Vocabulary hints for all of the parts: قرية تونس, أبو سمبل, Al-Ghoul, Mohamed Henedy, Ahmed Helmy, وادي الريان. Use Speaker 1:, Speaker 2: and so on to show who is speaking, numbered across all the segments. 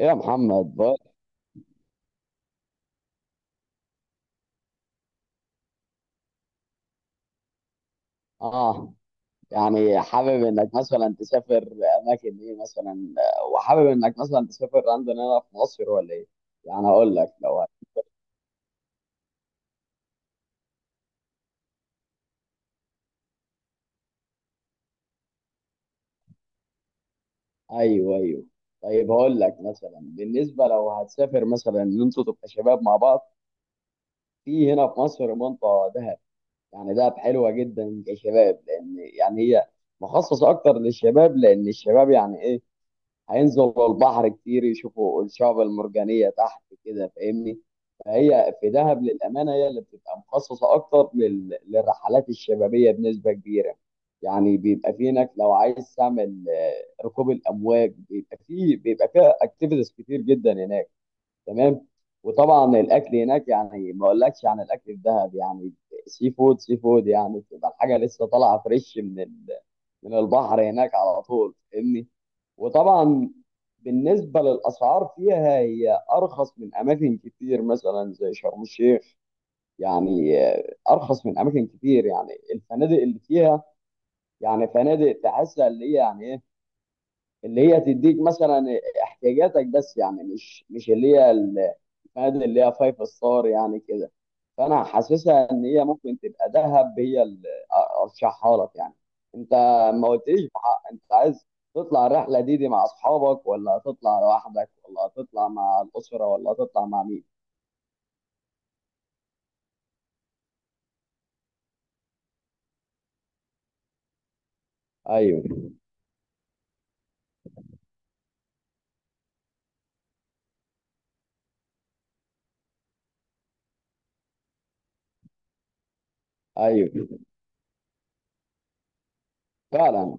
Speaker 1: ايه يا محمد بقى. اه يعني حابب انك مثلا تسافر اماكن ايه مثلا؟ وحابب انك مثلا تسافر عندنا هنا في مصر ولا ايه؟ يعني هقول لك لو ايوه ايوه، طيب هقول لك مثلا بالنسبه لو هتسافر مثلا ان انتوا تبقى شباب مع بعض في هنا في مصر منطقه دهب. يعني دهب حلوه جدا كشباب، لان يعني هي مخصصه اكتر للشباب، لان الشباب يعني ايه؟ هينزلوا البحر كتير، يشوفوا الشعب المرجانية تحت كده، فاهمني؟ فهي في دهب للأمانة هي اللي بتبقى مخصصة أكتر للرحلات الشبابية بنسبة كبيرة. يعني بيبقى في هناك لو عايز تعمل ركوب الأمواج، بيبقى فيها أكتيفيتيز كتير جدا هناك، تمام؟ وطبعا الاكل هناك يعني ما اقولكش عن الاكل في دهب، يعني سي فود سي فود، يعني بتبقى الحاجه لسه طالعه فريش من البحر هناك على طول، فاهمني؟ وطبعا بالنسبه للاسعار فيها هي ارخص من اماكن كتير مثلا زي شرم الشيخ. يعني ارخص من اماكن كتير، يعني الفنادق اللي فيها يعني فنادق تحسها اللي هي يعني ايه، اللي هي تديك مثلا احتياجاتك بس، يعني مش اللي هي فنادق اللي هي فايف ستار يعني كده. فانا حاسسها ان هي ممكن تبقى دهب هي اللي ارشحها لك يعني. انت ما قلتليش بحق، انت عايز تطلع الرحله دي مع اصحابك، ولا هتطلع لوحدك، ولا هتطلع مع الاسره، ولا هتطلع مع مين؟ ايوه ايوه، فعلا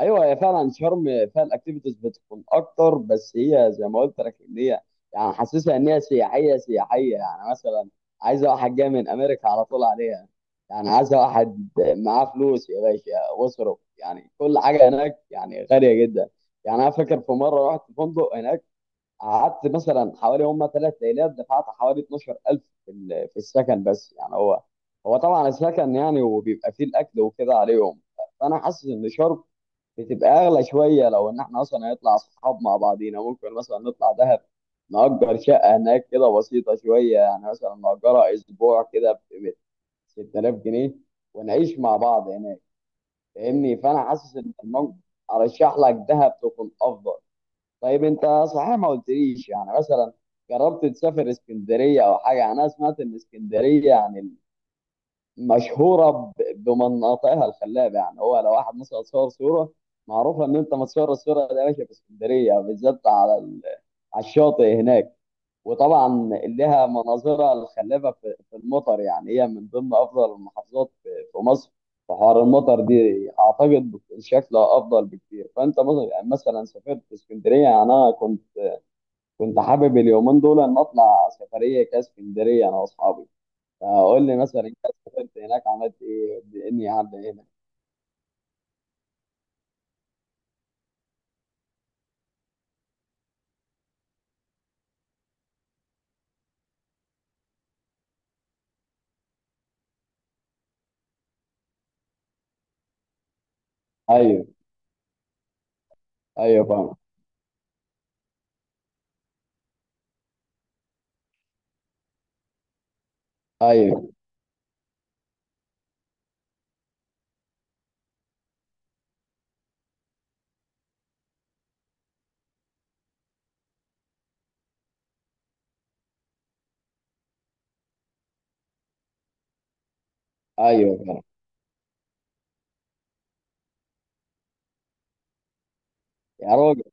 Speaker 1: ايوه، هي فعلا شرم فيها الاكتيفيتيز بتكون اكتر، بس هي زي ما قلت لك ان هي يعني حاسسها ان هي سياحيه سياحيه، يعني مثلا عايزه واحد جاي من امريكا على طول عليها، يعني عايزه واحد معاه فلوس يا باشا واصرف، يعني كل حاجه هناك يعني غاليه جدا. يعني انا فاكر في مره رحت فندق هناك، قعدت مثلا حوالي هم ثلاث ليالات، دفعت حوالي 12,000 في السكن بس، يعني هو طبعا السكن يعني وبيبقى فيه الاكل وكده عليهم. فانا حاسس ان شرم بتبقى اغلى شويه، لو ان احنا اصلا هنطلع اصحاب مع بعضينا ممكن مثلا نطلع دهب، نأجر شقه هناك كده بسيطه شويه، يعني مثلا نأجرها اسبوع كده ب 6000 جنيه، ونعيش مع بعض هناك، فاهمني؟ فانا حاسس ان الموضوع ارشح لك دهب تكون افضل. طيب انت صحيح ما قلتليش، يعني مثلا جربت تسافر اسكندريه او حاجه؟ يعني انا سمعت ان اسكندريه يعني مشهوره بمناطقها الخلابه، يعني هو لو واحد مثلا صور صوره معروفه ان انت متصور الصوره دي يا باشا في اسكندريه بالذات على الشاطئ هناك. وطبعا لها مناظرها الخلابه في في المطر، يعني هي من ضمن افضل المحافظات في مصر في حوار المطر دي، اعتقد بتكون شكلها افضل بكتير. فانت مثلا سافرت اسكندريه؟ يعني انا كنت كنت حابب اليومين دول ان اطلع سفريه كاسكندريه انا واصحابي. اقول لي مثلا انت سافرت هناك عملت ايه اني عدى هنا؟ ايوه ايوه فاهم، ايوه ايوه فاهم، يا راجل.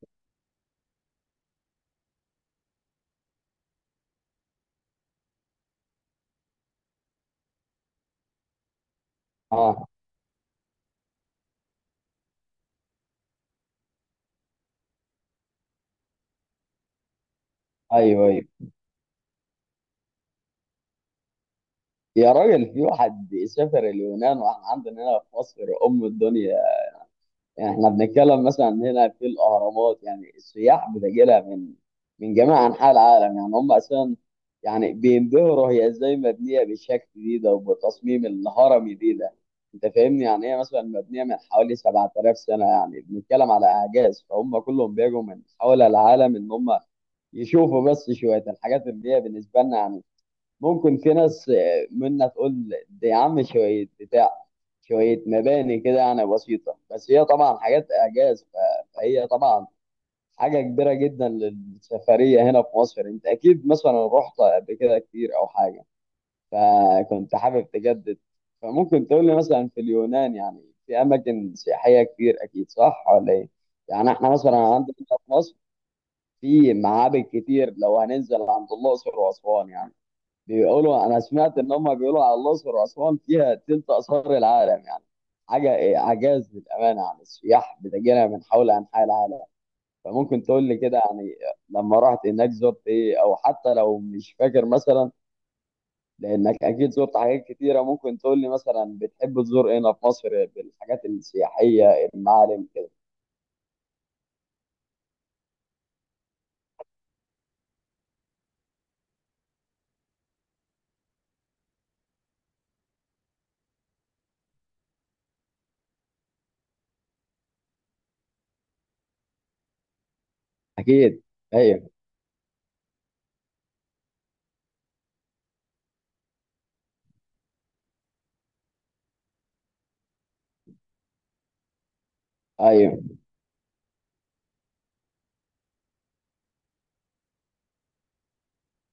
Speaker 1: اه، ايوه ايوه، يا راجل، في واحد سافر اليونان واحنا عندنا هنا في مصر ام الدنيا؟ يعني احنا بنتكلم مثلا عن هنا في الاهرامات، يعني السياح بتجي لها من من جميع انحاء العالم، يعني هم اساسا يعني بينبهروا هي ازاي مبنيه بالشكل دي ده، وبالتصميم الهرمي دي ده، انت فاهمني؟ يعني هي مثلا مبنيه من حوالي 7000 سنه، يعني بنتكلم على اعجاز، فهم كلهم بيجوا من حول العالم ان هم يشوفوا بس شويه الحاجات اللي هي بالنسبه لنا يعني ممكن في ناس منا تقول ده يا عم شويه بتاع، شوية مباني كده يعني بسيطة، بس هي طبعا حاجات إعجاز. فهي طبعا حاجة كبيرة جدا للسفرية هنا في مصر. أنت أكيد مثلا رحت قبل كده كتير أو حاجة، فكنت حابب تجدد. فممكن تقول لي مثلا في اليونان يعني في أماكن سياحية كتير أكيد، صح ولا إيه؟ يعني إحنا مثلا عندنا هنا في مصر في معابد كتير لو هننزل عند الأقصر وأسوان، يعني بيقولوا، انا سمعت ان هم بيقولوا على الاقصر واسوان فيها تلت اثار العالم، يعني حاجه إيه، اعجاز للامانه، يعني السياح بتجينا من حول انحاء العالم. فممكن تقول لي كده يعني لما رحت هناك زرت ايه، او حتى لو مش فاكر مثلا لانك اكيد زرت حاجات كتيره، ممكن تقول لي مثلا بتحب تزور إيه هنا في مصر بالحاجات السياحيه المعالم كده؟ اكيد ايوه ايوه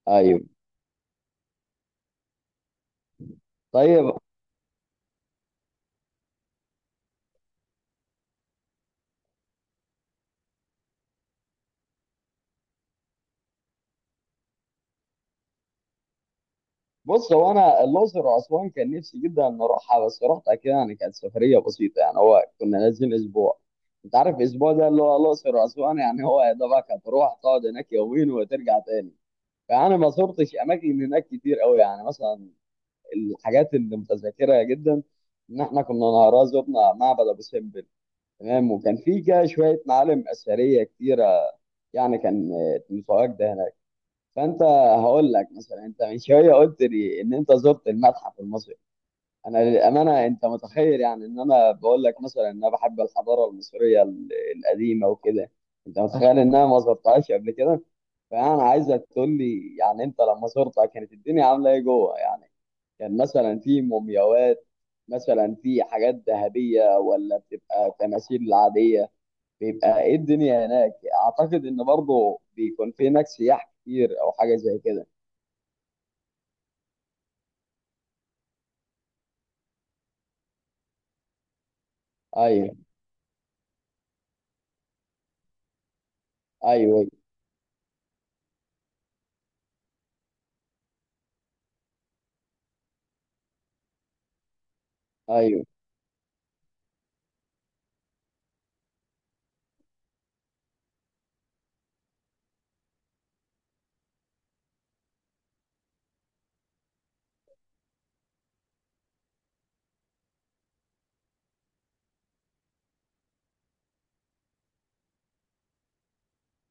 Speaker 1: ايوه، طيب بص، هو انا الاقصر واسوان كان نفسي جدا ان اروحها، بس رحتها كده يعني كانت سفريه بسيطه، يعني هو كنا نازلين اسبوع. انت عارف الاسبوع ده اللي هو الاقصر واسوان يعني هو يا دوبك هتروح تقعد هناك يومين وترجع تاني. فانا ما زرتش اماكن هناك كتير قوي، يعني مثلا الحاجات اللي متذكرها جدا ان احنا كنا نهارها زرنا معبد ابو سمبل، تمام؟ وكان في كده شويه معالم اثريه كتيره، يعني كان تمساحات ده هناك. فانت هقول لك مثلا، انت من شويه قلت لي ان انت زرت المتحف المصري، انا للامانه انت متخيل يعني ان انا بقول لك مثلا ان انا بحب الحضاره المصريه القديمه وكده، انت متخيل ان انا ما زرتهاش قبل كده؟ فانا عايزك تقول لي يعني انت لما زرتها كانت الدنيا عامله ايه جوه؟ يعني كان مثلا في مومياوات، مثلا في حاجات ذهبيه، ولا بتبقى تماثيل عاديه؟ بيبقى ايه الدنيا هناك؟ اعتقد ان برضه بيكون في هناك سياح كتير او حاجه زي كده. ايوه ايوه ايوه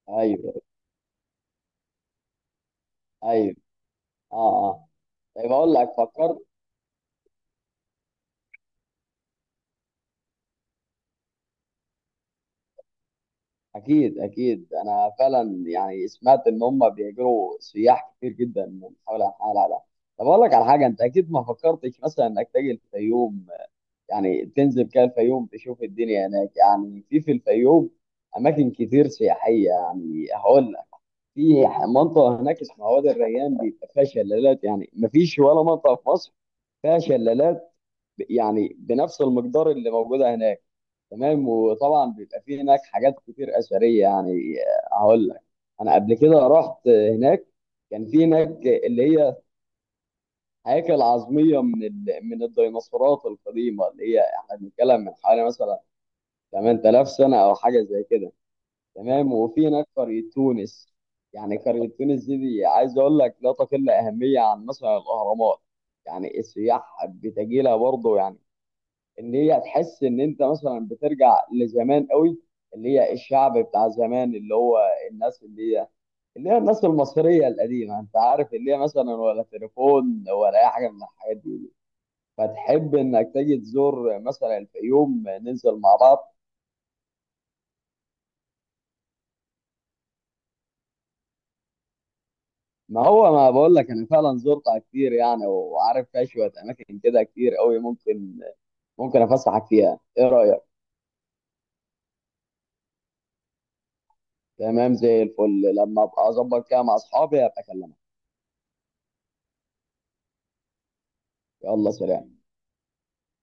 Speaker 1: ايوه ايوه. اه آه. زي ما اقول لك فكرت. اكيد اكيد، انا فعلا يعني سمعت ان هم بيجروا سياح كتير جدا من حول انحاء العالم. طب اقول لك على حاجه، انت اكيد ما فكرتش مثلا انك تجي الفيوم؟ يعني تنزل كده الفيوم تشوف الدنيا هناك. يعني في الفيوم اماكن كتير سياحيه، يعني هقول لك في منطقه هناك اسمها وادي الريان، بيبقى فيها شلالات، يعني ما فيش ولا منطقه في مصر فيها شلالات يعني بنفس المقدار اللي موجوده هناك، تمام؟ وطبعا بيبقى فيه هناك حاجات كتير اثريه، يعني هقول لك انا قبل كده رحت هناك كان في هناك اللي هي هياكل عظميه من الديناصورات القديمه، اللي هي احنا بنتكلم من حوالي مثلا 8000 سنه او حاجه زي كده، تمام؟ وفي هناك قريه تونس، يعني قريه تونس دي، عايز اقول لك لا تقل اهميه عن مثلا الاهرامات، يعني السياح بتجي لها برضه، يعني ان هي تحس ان انت مثلا بترجع لزمان قوي، اللي هي الشعب بتاع زمان، اللي هو الناس اللي هي اللي هي الناس المصريه القديمه، انت عارف اللي هي مثلا ولا تليفون ولا اي حاجه من الحاجات دي. فتحب انك تيجي تزور مثلا الفيوم ننزل مع بعض؟ ما هو ما بقول لك انا فعلا زرتها كتير، يعني وعارف فيها شويه اماكن كده كتير قوي، ممكن افسحك فيها، ايه رايك؟ تمام زي الفل، لما ابقى اظبط كده مع اصحابي ابقى اكلمك. يلا سلام.